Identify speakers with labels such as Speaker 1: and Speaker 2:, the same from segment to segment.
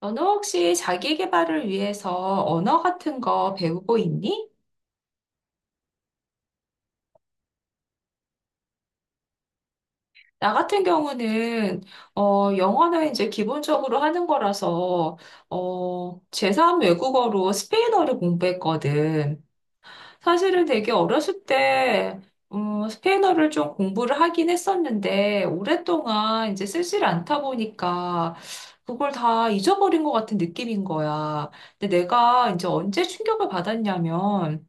Speaker 1: 너는 혹시 자기 개발을 위해서 언어 같은 거 배우고 있니? 나 같은 경우는 영어는 이제 기본적으로 하는 거라서 제3 외국어로 스페인어를 공부했거든. 사실은 되게 어렸을 때 스페인어를 좀 공부를 하긴 했었는데 오랫동안 이제 쓰질 않다 보니까 그걸 다 잊어버린 것 같은 느낌인 거야. 근데 내가 이제 언제 충격을 받았냐면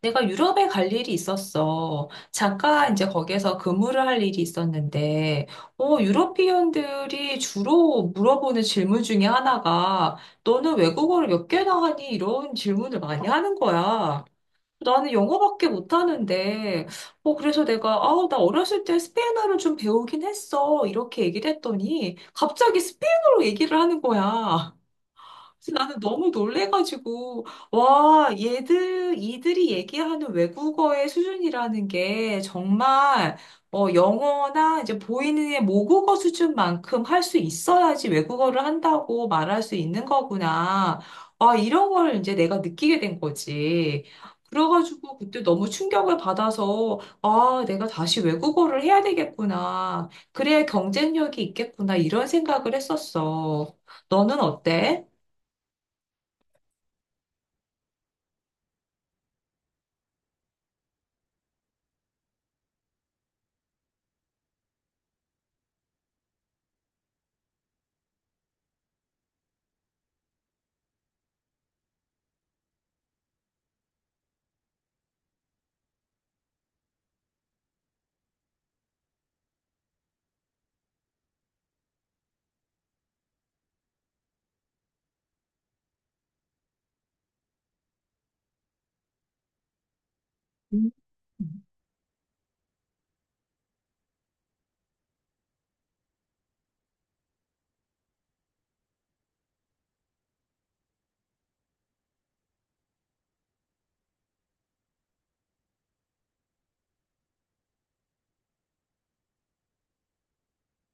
Speaker 1: 내가 유럽에 갈 일이 있었어. 잠깐 이제 거기에서 근무를 할 일이 있었는데, 유러피언들이 주로 물어보는 질문 중에 하나가, 너는 외국어를 몇 개나 하니? 이런 질문을 많이 하는 거야. 나는 영어밖에 못하는데, 그래서 내가, 아, 나 어렸을 때 스페인어를 좀 배우긴 했어. 이렇게 얘기를 했더니, 갑자기 스페인어로 얘기를 하는 거야. 그래서 나는 너무 놀래가지고, 와, 이들이 얘기하는 외국어의 수준이라는 게 정말, 영어나 이제 보이는 의 모국어 수준만큼 할 수 있어야지 외국어를 한다고 말할 수 있는 거구나. 아, 이런 걸 이제 내가 느끼게 된 거지. 그래가지고 그때 너무 충격을 받아서, 아, 내가 다시 외국어를 해야 되겠구나. 그래야 경쟁력이 있겠구나. 이런 생각을 했었어. 너는 어때?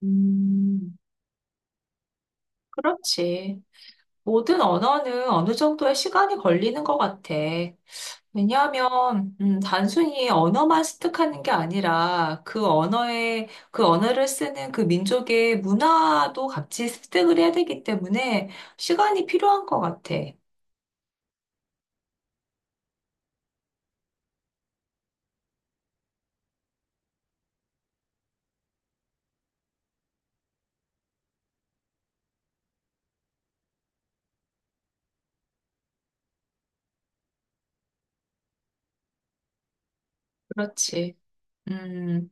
Speaker 1: 음, 그렇지. 모든 언어는 어느 정도의 시간이 걸리는 것 같아. 왜냐하면, 단순히 언어만 습득하는 게 아니라 그 언어를 쓰는 그 민족의 문화도 같이 습득을 해야 되기 때문에 시간이 필요한 것 같아. 그렇지. 음.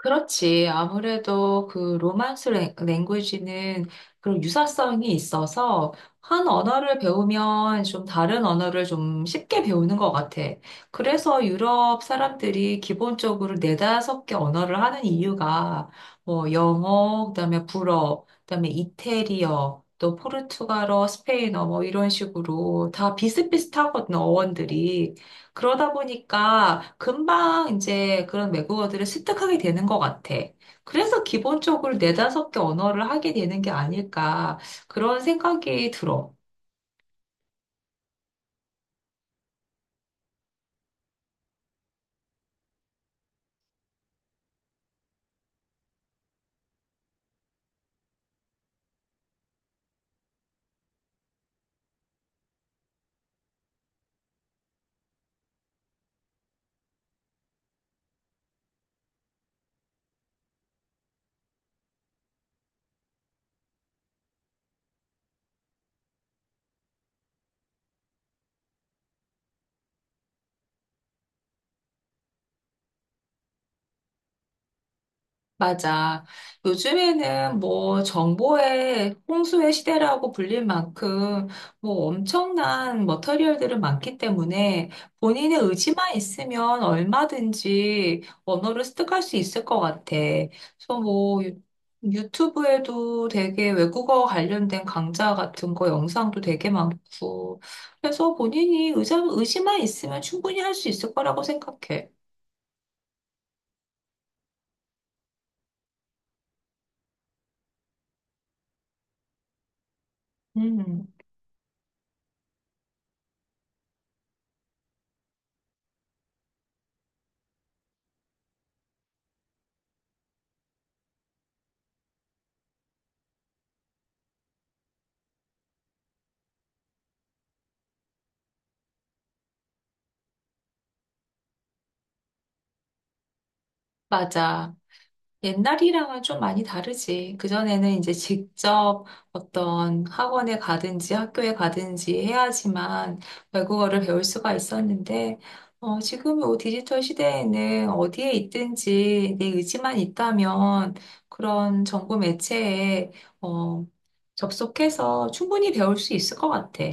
Speaker 1: 그렇지. 아무래도 그 로만스 랭귀지는 그런 유사성이 있어서 한 언어를 배우면 좀 다른 언어를 좀 쉽게 배우는 것 같아. 그래서 유럽 사람들이 기본적으로 네다섯 개 언어를 하는 이유가 뭐 영어, 그다음에 불어, 그다음에 이태리어, 또 포르투갈어, 스페인어 뭐 이런 식으로 다 비슷비슷하거든, 어원들이. 그러다 보니까 금방 이제 그런 외국어들을 습득하게 되는 것 같아. 그래서 기본적으로 네다섯 개 언어를 하게 되는 게 아닐까 그런 생각이 들어. 맞아. 요즘에는 뭐 정보의 홍수의 시대라고 불릴 만큼 뭐 엄청난 머터리얼들은 많기 때문에 본인의 의지만 있으면 얼마든지 언어를 습득할 수 있을 것 같아. 그래서 뭐 유튜브에도 되게 외국어 관련된 강좌 같은 거 영상도 되게 많고. 그래서 본인이 의지만 있으면 충분히 할 수 있을 거라고 생각해. 음, 맞아. 옛날이랑은 좀 많이 다르지. 그전에는 이제 직접 어떤 학원에 가든지 학교에 가든지 해야지만 외국어를 배울 수가 있었는데, 지금 이 디지털 시대에는 어디에 있든지 내 의지만 있다면 그런 정보 매체에 어, 접속해서 충분히 배울 수 있을 것 같아.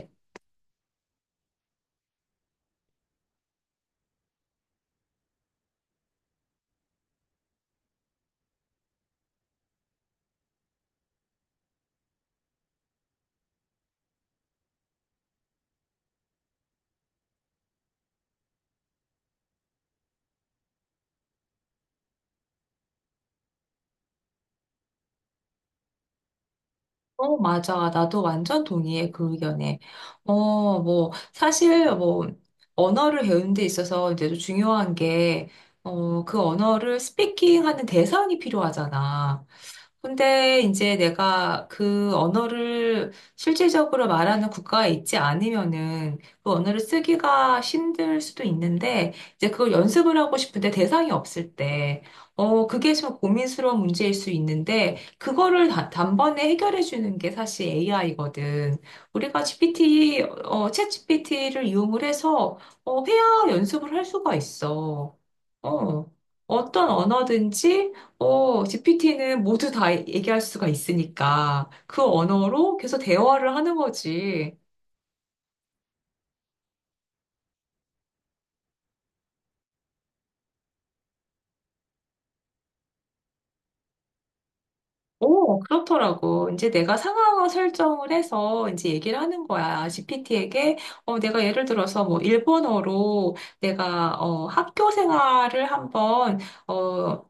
Speaker 1: 맞아. 나도 완전 동의해, 그 의견에. 어, 뭐, 사실, 뭐, 언어를 배우는 데 있어서 이제 좀 중요한 게, 그 언어를 스피킹 하는 대상이 필요하잖아. 근데 이제 내가 그 언어를 실질적으로 말하는 국가에 있지 않으면은 그 언어를 쓰기가 힘들 수도 있는데 이제 그걸 연습을 하고 싶은데 대상이 없을 때, 그게 좀 고민스러운 문제일 수 있는데 그거를 단번에 해결해 주는 게 사실 AI거든. 우리가 챗 GPT를 이용을 해서 회화 연습을 할 수가 있어. 어, 어떤 언어든지 GPT는 모두 다 얘기할 수가 있으니까 그 언어로 계속 대화를 하는 거지. 오, 그렇더라고. 이제 내가 상황을 설정을 해서 이제 얘기를 하는 거야. GPT에게, 내가 예를 들어서 뭐 일본어로 내가, 어, 학교 생활을 한번, 어,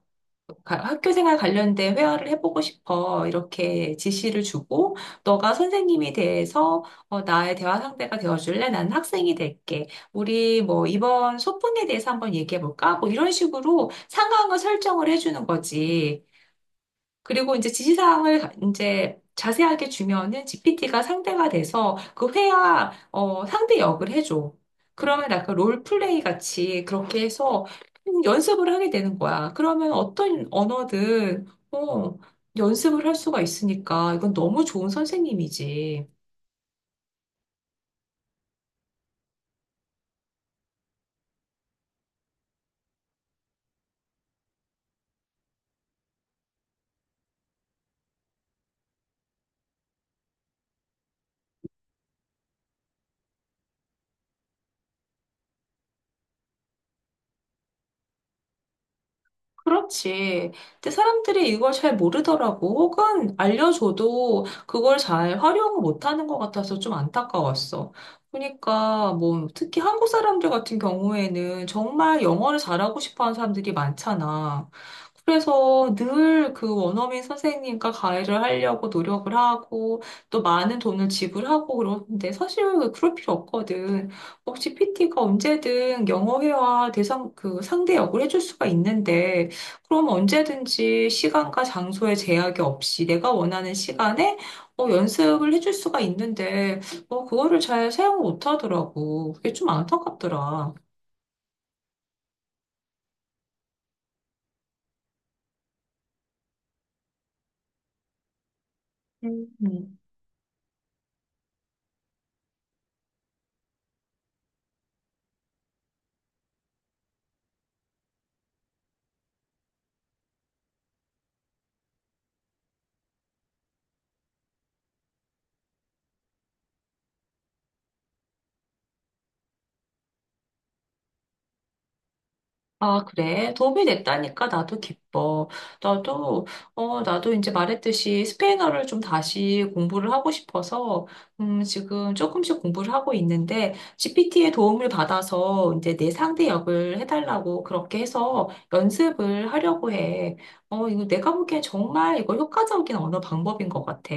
Speaker 1: 가- 학교 생활 관련된 회화를 해보고 싶어. 이렇게 지시를 주고, 너가 선생님이 돼서, 나의 대화 상대가 되어줄래? 나는 학생이 될게. 우리 뭐 이번 소풍에 대해서 한번 얘기해볼까? 뭐 이런 식으로 상황을 설정을 해주는 거지. 그리고 이제 지시사항을 이제 자세하게 주면은 GPT가 상대가 돼서 그 회화 상대 역을 해줘. 그러면 약간 롤플레이 같이 그렇게 해서 연습을 하게 되는 거야. 그러면 어떤 언어든 연습을 할 수가 있으니까 이건 너무 좋은 선생님이지. 그렇지. 근데 사람들이 이걸 잘 모르더라고. 혹은 알려줘도 그걸 잘 활용을 못하는 것 같아서 좀 안타까웠어. 그러니까 뭐 특히 한국 사람들 같은 경우에는 정말 영어를 잘하고 싶어하는 사람들이 많잖아. 그래서 늘 그 원어민 선생님과 가이를 하려고 노력을 하고 또 많은 돈을 지불하고 그러는데 사실 그럴 필요 없거든. 혹시 PT가 언제든 영어 회화 대상 그 상대 역을 해줄 수가 있는데 그럼 언제든지 시간과 장소에 제약이 없이 내가 원하는 시간에 연습을 해줄 수가 있는데, 그거를 잘 사용 못 하더라고. 그게 좀 안타깝더라. 음. 음. 아, 그래. 도움이 됐다니까 나도 기뻐. 나도, 나도 이제 말했듯이 스페인어를 좀 다시 공부를 하고 싶어서, 지금 조금씩 공부를 하고 있는데, GPT의 도움을 받아서 이제 내 상대 역을 해달라고 그렇게 해서 연습을 하려고 해. 이거 내가 보기엔 정말 이거 효과적인 언어 방법인 것 같아.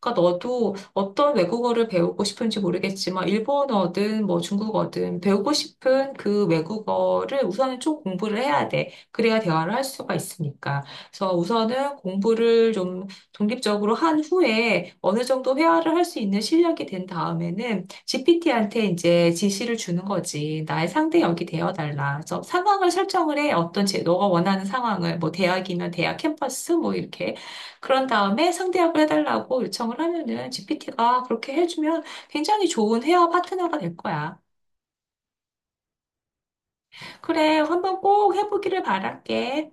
Speaker 1: 그러니까 너도 어떤 외국어를 배우고 싶은지 모르겠지만 일본어든 뭐 중국어든 배우고 싶은 그 외국어를 우선은 좀 공부를 해야 돼. 그래야 대화를 할 수가 있으니까. 그래서 우선은 공부를 좀 독립적으로 한 후에 어느 정도 회화를 할 수 있는 실력이 된 다음에는 GPT한테 이제 지시를 주는 거지. 나의 상대 역이 되어 달라. 그래서 상황을 설정을 해. 어떤 제 너가 원하는 상황을 뭐 대학이면 대학 캠퍼스 뭐 이렇게 그런 다음에 상대합을 해달라고 요청을 하면은 GPT가 그렇게 해주면 굉장히 좋은 헤어 파트너가 될 거야. 그래, 한번 꼭 해보기를 바랄게.